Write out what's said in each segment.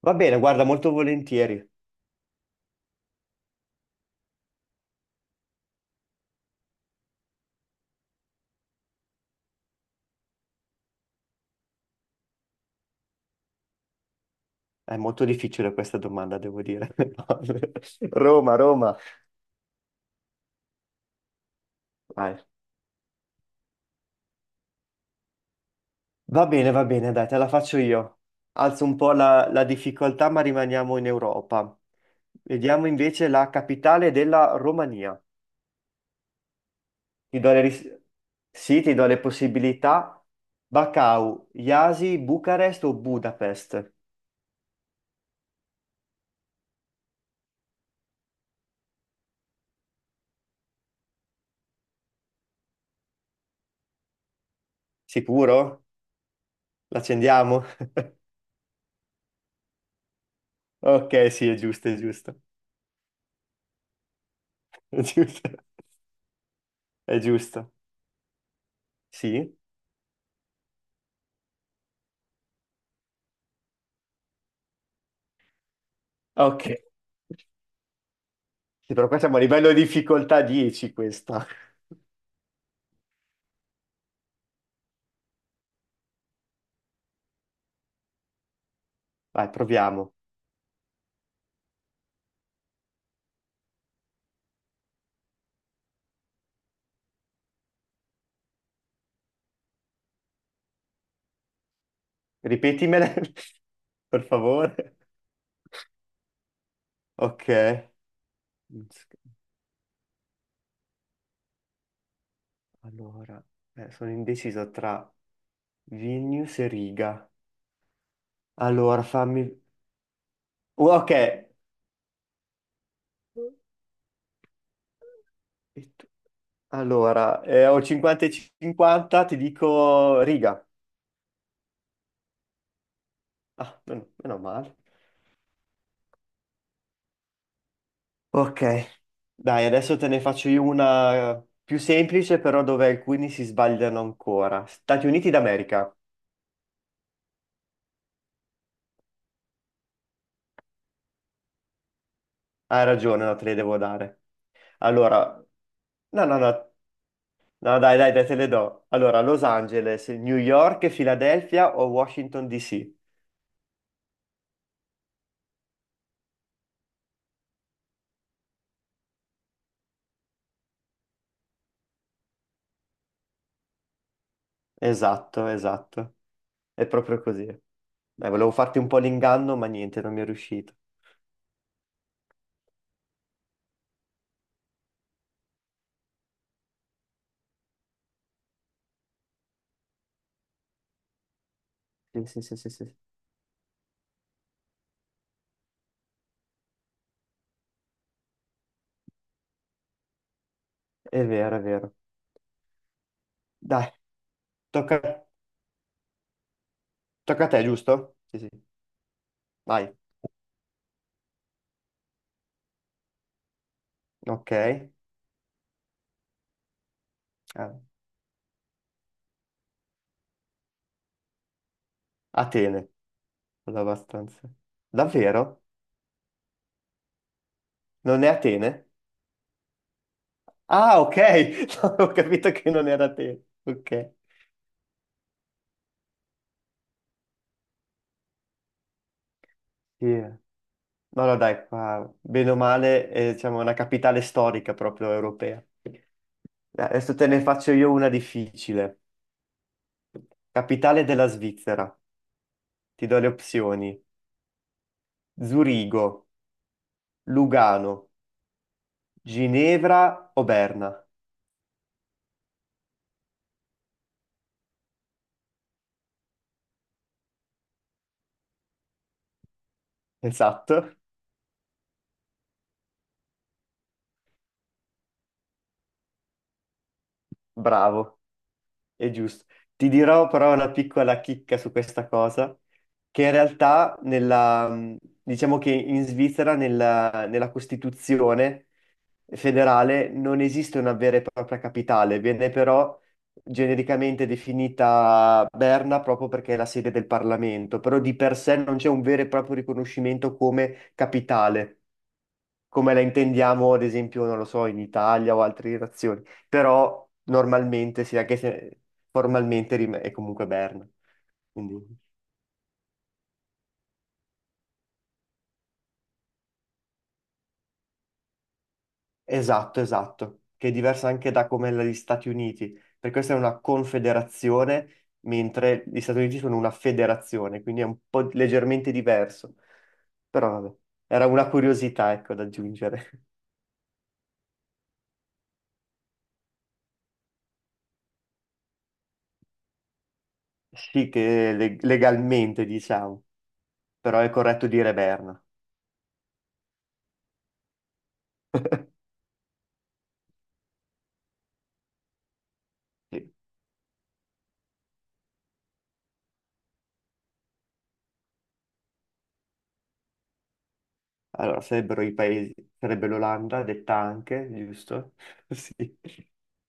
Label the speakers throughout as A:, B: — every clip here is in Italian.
A: Va bene, guarda, molto volentieri. È molto difficile questa domanda, devo dire. Roma, Roma. Vai. Va bene, dai, te la faccio io. Alzo un po' la difficoltà, ma rimaniamo in Europa. Vediamo invece la capitale della Romania. Ti do le ris- Sì, ti do le possibilità. Bacău, Iasi, Bucarest o Budapest? Sicuro? L'accendiamo? Ok, sì, è giusto, è giusto. È giusto, è giusto. Sì. Ok. Sì, però qua siamo a livello di difficoltà 10 questa. Vai, proviamo. Ripetimele, per favore. Ok. Allora, sono indeciso tra Vilnius e Riga. Allora, fammi... Oh, ok. Tu- Allora, ho 50 e 50, ti dico Riga. Ah, meno, meno male. Ok. Dai, adesso te ne faccio io una più semplice, però dove alcuni si sbagliano ancora. Stati Uniti d'America. Hai ragione, no, te le devo dare. Allora, no, no, no, no, dai, dai, dai, te le do. Allora, Los Angeles, New York, Filadelfia o Washington DC? Esatto, esatto. È proprio così. Dai, volevo farti un po' l'inganno, ma niente, non mi è riuscito. Sì, sì, sì, sì, sì. Sì. È vero, è vero. Dai, tocca, tocca a te, giusto? Sì, sì. Vai. Ok. Ah, Atene, abbastanza. Davvero? Non è Atene? Ah, ok. No, ho capito che non era te. Ok. Sì. No, no, dai, qua, bene o male, è, diciamo, una capitale storica proprio europea. Dai, adesso te ne faccio io una difficile. Capitale della Svizzera. Ti do le opzioni. Zurigo, Lugano, Ginevra o Berna. Esatto, bravo. È giusto. Ti dirò però una piccola chicca su questa cosa, che in realtà nella, diciamo che in Svizzera nella Costituzione federale non esiste una vera e propria capitale, viene però genericamente definita Berna proprio perché è la sede del Parlamento, però di per sé non c'è un vero e proprio riconoscimento come capitale come la intendiamo, ad esempio, non lo so, in Italia o altre nazioni, però normalmente sì, anche se formalmente è comunque Berna. Quindi, esatto, esatto, che è diversa anche da come la degli Stati Uniti, perché questa è una confederazione, mentre gli Stati Uniti sono una federazione, quindi è un po' leggermente diverso. Però vabbè, era una curiosità, ecco, da aggiungere. Sì, che legalmente, diciamo, però è corretto dire Berna. Sì. Allora, sarebbero i paesi, sarebbe l'Olanda, detta anche, giusto? Sì.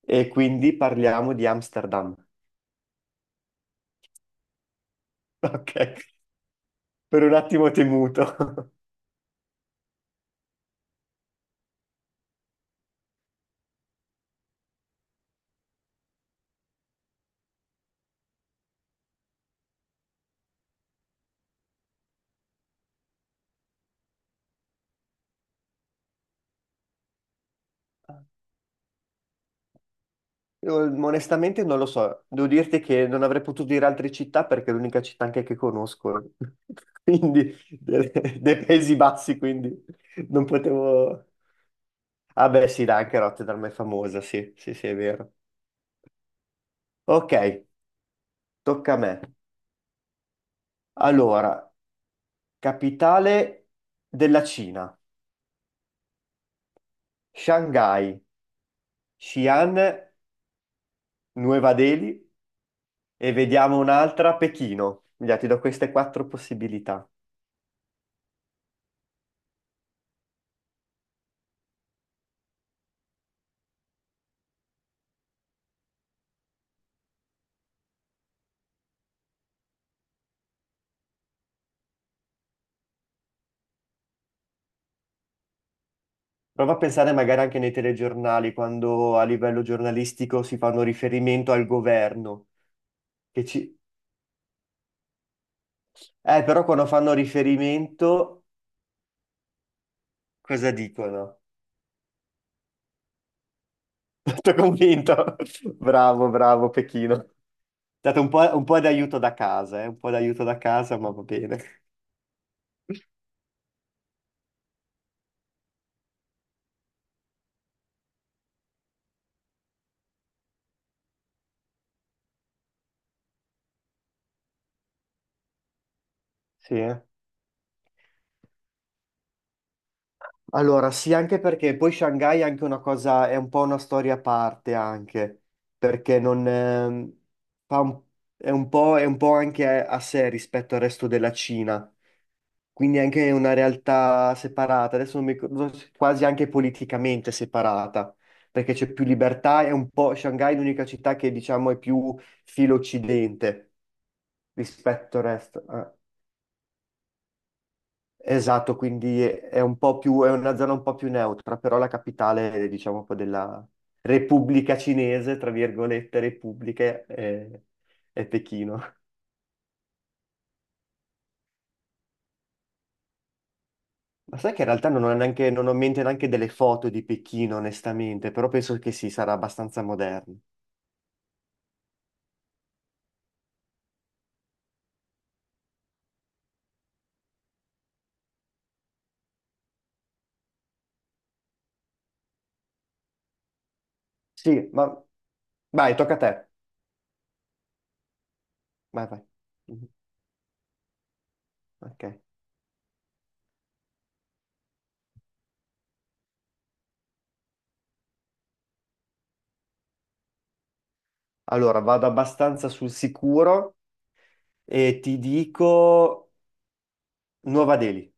A: E quindi parliamo di Amsterdam. Ok, per un attimo ho temuto. Io, onestamente non lo so, devo dirti che non avrei potuto dire altre città perché è l'unica città anche che conosco, quindi dei Paesi Bassi, quindi non potevo... Ah beh sì, dai, anche Rotterdam è famosa, sì, sì, sì, è vero. Ok, tocca a me. Allora, capitale della Cina, Shanghai, Xi'an, Nuova Delhi e vediamo un'altra, Pechino. Già, ti do queste quattro possibilità. Prova a pensare magari anche nei telegiornali, quando a livello giornalistico si fanno riferimento al governo. Che ci... però quando fanno riferimento, cosa dicono? Tutto convinto. Bravo, bravo, Pechino. Date un po' di aiuto da casa, eh? Un po' di aiuto da casa, ma va bene. Sì, eh. Allora, sì, anche perché poi Shanghai è anche una cosa, è un po' una storia a parte anche, perché non, fa un- è un po' anche a sé rispetto al resto della Cina, quindi è anche una realtà separata, adesso non mi ricordo, quasi anche politicamente separata, perché c'è più libertà, è un po', Shanghai è l'unica città che diciamo è più filo occidente rispetto al resto. Eh. Esatto, quindi è un po' più, è una zona un po' più neutra, però la capitale, diciamo, un po' della Repubblica Cinese, tra virgolette, Repubblica, è, Pechino. Ma sai che in realtà non ho neanche, non ho in mente neanche delle foto di Pechino, onestamente, però penso che sì, sarà abbastanza moderno. Sì, ma vai, tocca a te. Vai, vai. Mhm. Ok. Allora, vado abbastanza sul sicuro e ti dico Nuova Delhi.